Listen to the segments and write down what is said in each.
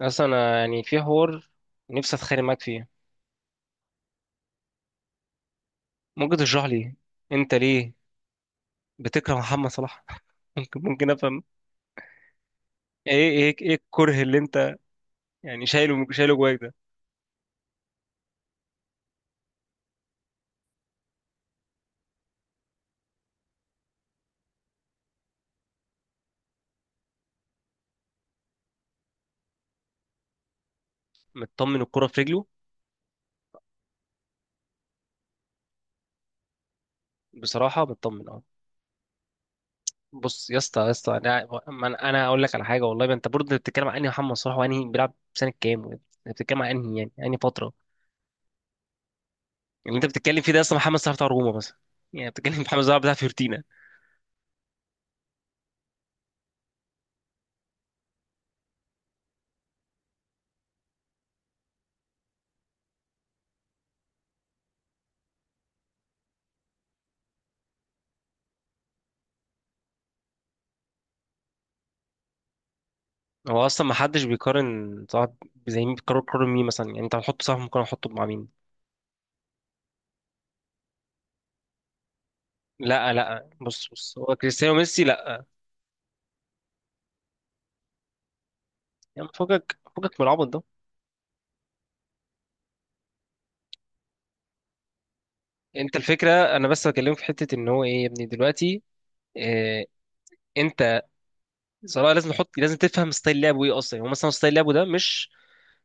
اصلا انا في حوار نفسي اتخانق معاك فيه. ممكن تشرح لي انت ليه بتكره محمد صلاح؟ ممكن افهم ايه ايه الكره اللي انت يعني شايله جواك ده؟ مطمن الكره في رجله. بصراحه مطمن اه. بص يا اسطى انا ما انا أنا هقول لك على حاجه، والله ما انت برضه بتتكلم عن انهي محمد صلاح وانهي بيلعب سنه كام، وانت بتتكلم عن انهي انهي فتره اللي انت بتتكلم فيه ده، اصلا محمد صلاح بتاع روما مثلا؟ يعني بتتكلم محمد صلاح بتاع فيورتينا؟ هو اصلا ما حدش بيقارن صاحب، زي مين؟ بيقارن مين مثلا؟ يعني انت هتحط صاحب، ممكن احطه مع مين؟ لا بص هو كريستيانو ميسي لا. فكك من العبط ده. انت الفكره، انا بس بكلمك في حته ان هو ايه يا ابني دلوقتي. إيه انت؟ صراحه لازم تحط، لازم تفهم ستايل لعبه ايه اصلا. هو مثلا ستايل لعبه ده مش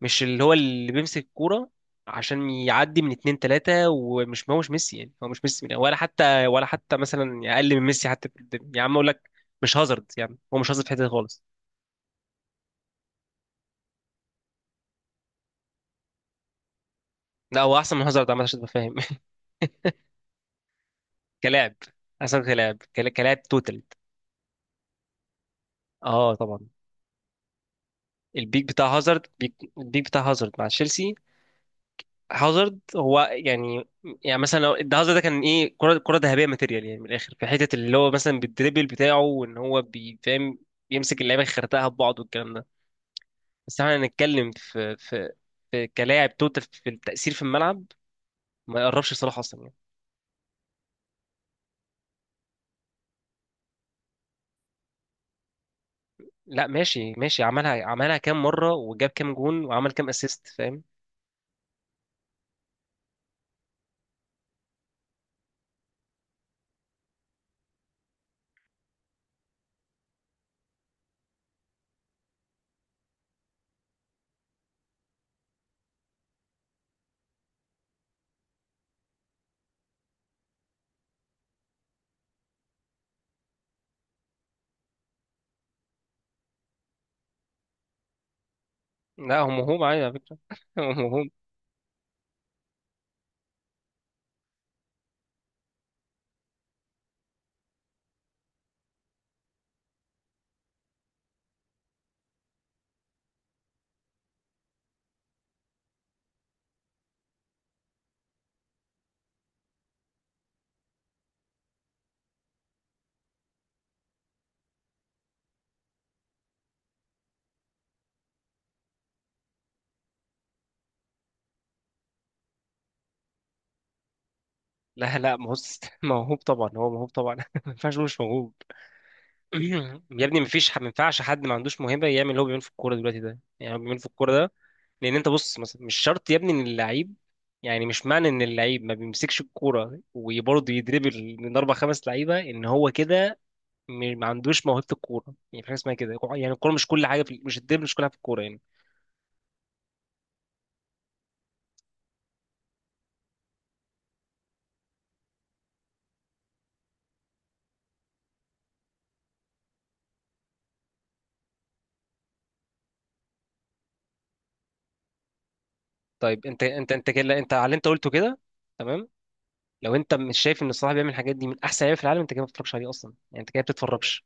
مش اللي هو اللي بيمسك الكوره عشان يعدي من اتنين تلاتة، ومش هو مش ميسي. هو مش ميسي ولا حتى مثلا أقل من ميسي حتى في الدنيا. يا عم أقول لك، مش هازارد. هو مش هازارد في حتة خالص. لا هو احسن من هازارد عامه عشان تبقى فاهم. كلاعب، احسن كلاعب كلاعب توتال. اه طبعا. البيك بتاع هازارد، البيك بتاع هازارد مع تشيلسي. هازارد هو مثلا، لو ده هازارد ده كان ايه، كره ذهبيه ماتيريال. من الاخر في حته اللي هو مثلا بالدريبل بتاعه، وان هو بيفهم يمسك اللعيبه يخرتها ببعض والكلام ده. بس احنا هنتكلم في كلاعب توتال، في التأثير في الملعب. ما يقربش صلاح اصلا يعني. لا ماشي عملها كام مره، وجاب كام جون، وعمل كام اسيست؟ لا هو موهوب عادي على فكرة. هو موهوب. لا بص موهوب طبعا، هو موهوب طبعا. ما ينفعش نقول مش موهوب. يا ابني مفيش ما ينفعش حد ما عندوش موهبة يعمل اللي هو بيعمله في الكورة دلوقتي ده. يعني هو بيعمله في الكورة ده لأن أنت بص مثلا مش شرط يا ابني إن اللعيب، يعني مش معنى إن اللعيب ما بيمسكش الكورة وبرضه يدربل من أربع خمس لعيبة إن هو كده ما عندوش موهبة الكورة. يعني في حاجة اسمها كده؟ يعني الكورة مش كل حاجة في مش الدربل مش كل حاجة في الكورة يعني. طيب أنت كده، أنت على اللي أنت قلته كده تمام. لو انت مش شايف ان الصراحه بيعمل الحاجات دي من احسن لعيبه في العالم، انت كده ما بتتفرجش عليه اصلا. يعني انت كده بتتفرجش.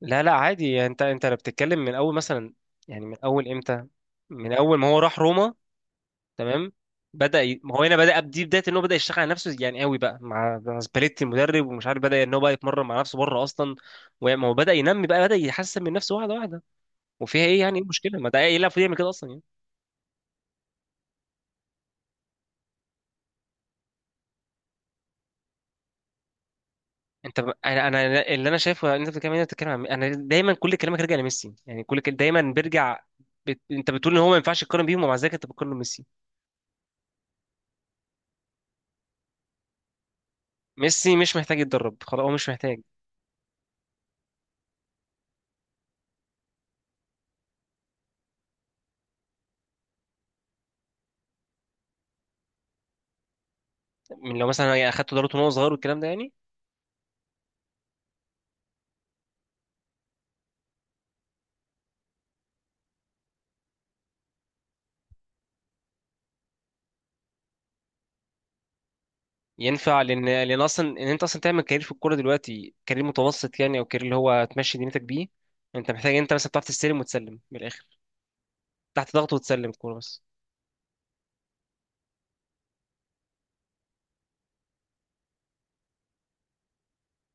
لا عادي. يعني انت لو بتتكلم من اول مثلا، يعني من اول امتى؟ من اول ما هو راح روما؟ تمام. ما هو هنا بدا، دي بدايه ان هو بدا يشتغل على نفسه يعني قوي بقى مع سباليتي المدرب، ومش عارف بدا ان هو بقى يتمرن مع نفسه بره اصلا. وما هو بدا ينمي بقى، بدا يحسن من نفسه واحده واحده. وفيها ايه يعني، ايه المشكله؟ ما ده ايه، لاعب يعمل كده اصلا يعني. انت ب... انا انا اللي انا شايفه ان انت بتتكلم، انت بتتكلم عن، انا دايما كل كلامك راجع لميسي. دايما بيرجع انت بتقول ان هو ما ينفعش يتقارن بيهم، ومع ذلك انت بتقارن ميسي. ميسي مش محتاج يتدرب خلاص، هو مش محتاج. من لو مثلا اخدت دورته وهو صغير والكلام ده يعني ينفع، لان اصلا ان انت اصلا تعمل كارير في الكوره دلوقتي، كارير متوسط يعني، او كارير اللي هو تمشي دنيتك بيه، انت محتاج انت مثلا بتعرف تستلم وتسلم من الاخر تحت ضغط، وتسلم الكوره بس.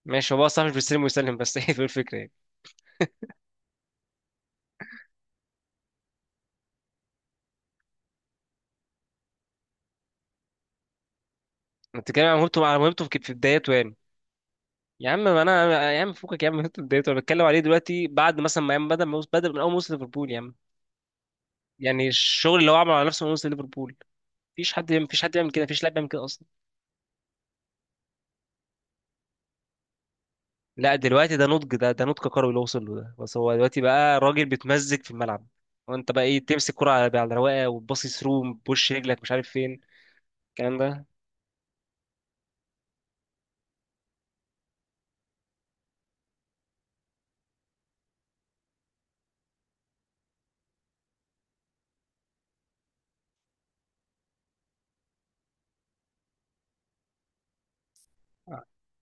ماشي، هو بقى صح مش بيستلم ويسلم بس. هي دي الفكره يعني. انت بتتكلم عن مهمته، على مهمته في في بدايته يعني. يا عم ما انا يا عم فوقك يا عم، انت اتضايقت. انا بتكلم عليه دلوقتي بعد مثلا ما ياما بدأ ما يوصل- بدأ من اول ما وصل ليفربول يا عم. يعني الشغل اللي هو عمله على نفسه من وصل ليفربول. مفيش حد يعمل كده، مفيش لاعب بيعمل كده اصلا. لا دلوقتي ده نضج، ده نضج كروي اللي وصل له ده. بس هو دلوقتي بقى راجل بيتمزج في الملعب. وانت بقى ايه، تمسك كرة على رواقه وتباصي ثرو بوش رجلك مش عارف فين. الكلام ده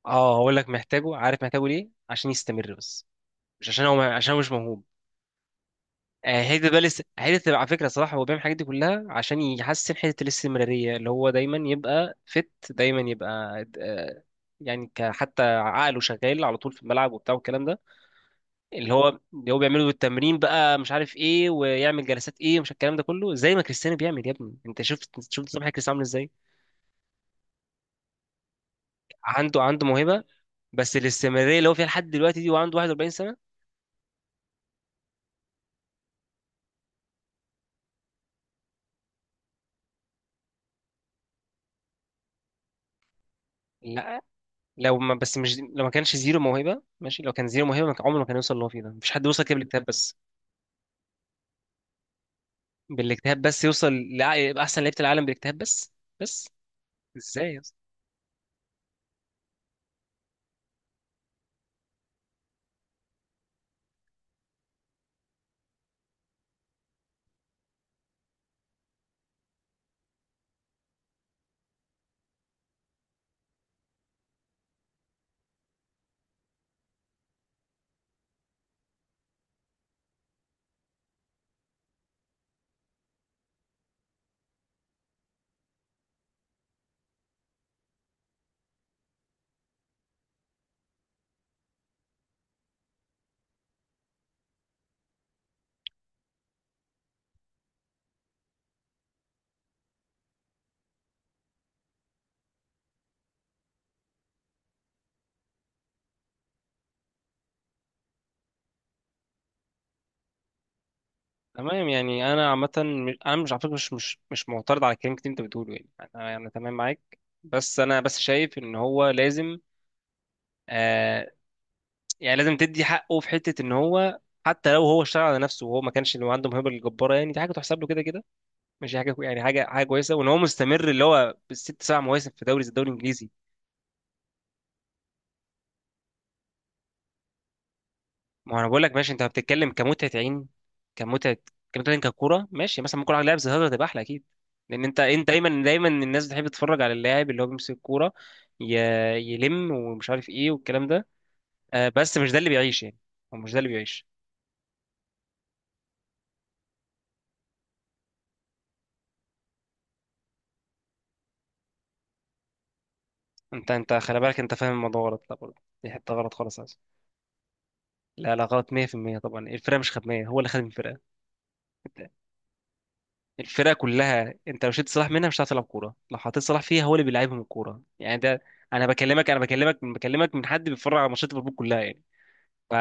اه هقول لك محتاجه، عارف محتاجه ليه؟ عشان يستمر بس. مش عشان هو، عشان هو مش موهوب. آه، هيدي بقى لسه هيدي. على فكره صراحه هو بيعمل الحاجات دي كلها عشان يحسن حته الاستمراريه اللي هو دايما يبقى فت دايما يبقى آه، يعني حتى عقله شغال على طول في الملعب وبتاع والكلام ده. اللي هو بيعمله بالتمرين بقى، مش عارف ايه ويعمل جلسات ايه، ومش الكلام ده كله زي ما كريستيانو بيعمل. يا ابني انت شفت صباح كريستيانو عامل ازاي؟ عنده موهبه، بس الاستمراريه اللي هو فيها لحد دلوقتي دي وعنده 41 سنه. لا لو ما كانش زيرو موهبه ماشي، لو كان زيرو موهبه ما كان- عمره ما كان يوصل اللي هو فيه ده. مفيش حد يوصل كده بالاجتهاد بس. بالاجتهاد بس يوصل يبقى احسن لعيبه العالم بالاجتهاد بس بس؟ ازاي يا اسطى؟ تمام يعني انا عامه انا مش على فكره مش معترض على الكلام اللي انت بتقوله يعني. انا تمام معاك، بس انا بس شايف ان هو لازم آه، يعني لازم تدي حقه في حته ان هو، حتى لو هو اشتغل على نفسه وهو ما كانش اللي هو عنده موهبه الجباره، يعني دي حاجه تحسب له كده كده. ماشي، حاجه يعني حاجه حاجه كويسه. وان هو مستمر اللي هو بالست سبع مواسم في دوري زي الدوري الانجليزي. ما هو انا بقول لك ماشي، انت بتتكلم كمتعه عين، كمتعه كمتعه عين، ككوره، ماشي. مثلا ممكن واحد لاعب زي هازارد تبقى احلى اكيد، لان انت دايما الناس بتحب تتفرج على اللاعب اللي هو بيمسك الكوره ي... يلم، ومش عارف ايه والكلام ده. آه بس مش ده اللي بيعيش يعني. هو مش ده اللي بيعيش. انت خلي بالك انت فاهم الموضوع غلط، لا برضه دي حته غلط خالص اصلا. لا غلط 100% طبعا، الفرقه مش خدميه، هو اللي خدم الفرقه. الفرقه كلها، انت لو شلت صلاح منها مش هتعرف تلعب كوره. لو حطيت صلاح فيها هو اللي بيلعبهم الكوره يعني ده. انا بكلمك انا بكلمك من بكلمك من حد بيتفرج على ماتشات ليفربول كلها يعني. ف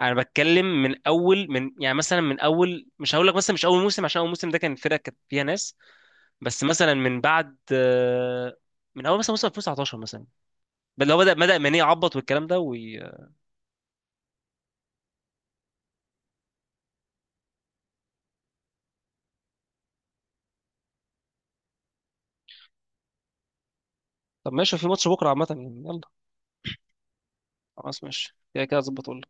انا بتكلم من اول من، يعني مثلا من اول، مش هقول لك مثلا مش اول موسم، عشان اول موسم ده كان الفرقه كانت فيها ناس. بس مثلا من بعد آه، من اول مثلا موسم 2019 مثلا، اللي هو بدا ماني يعبط والكلام ده طب ماشي في ماتش بكره عامه يعني، يلا. خلاص ماشي، كده اظبط.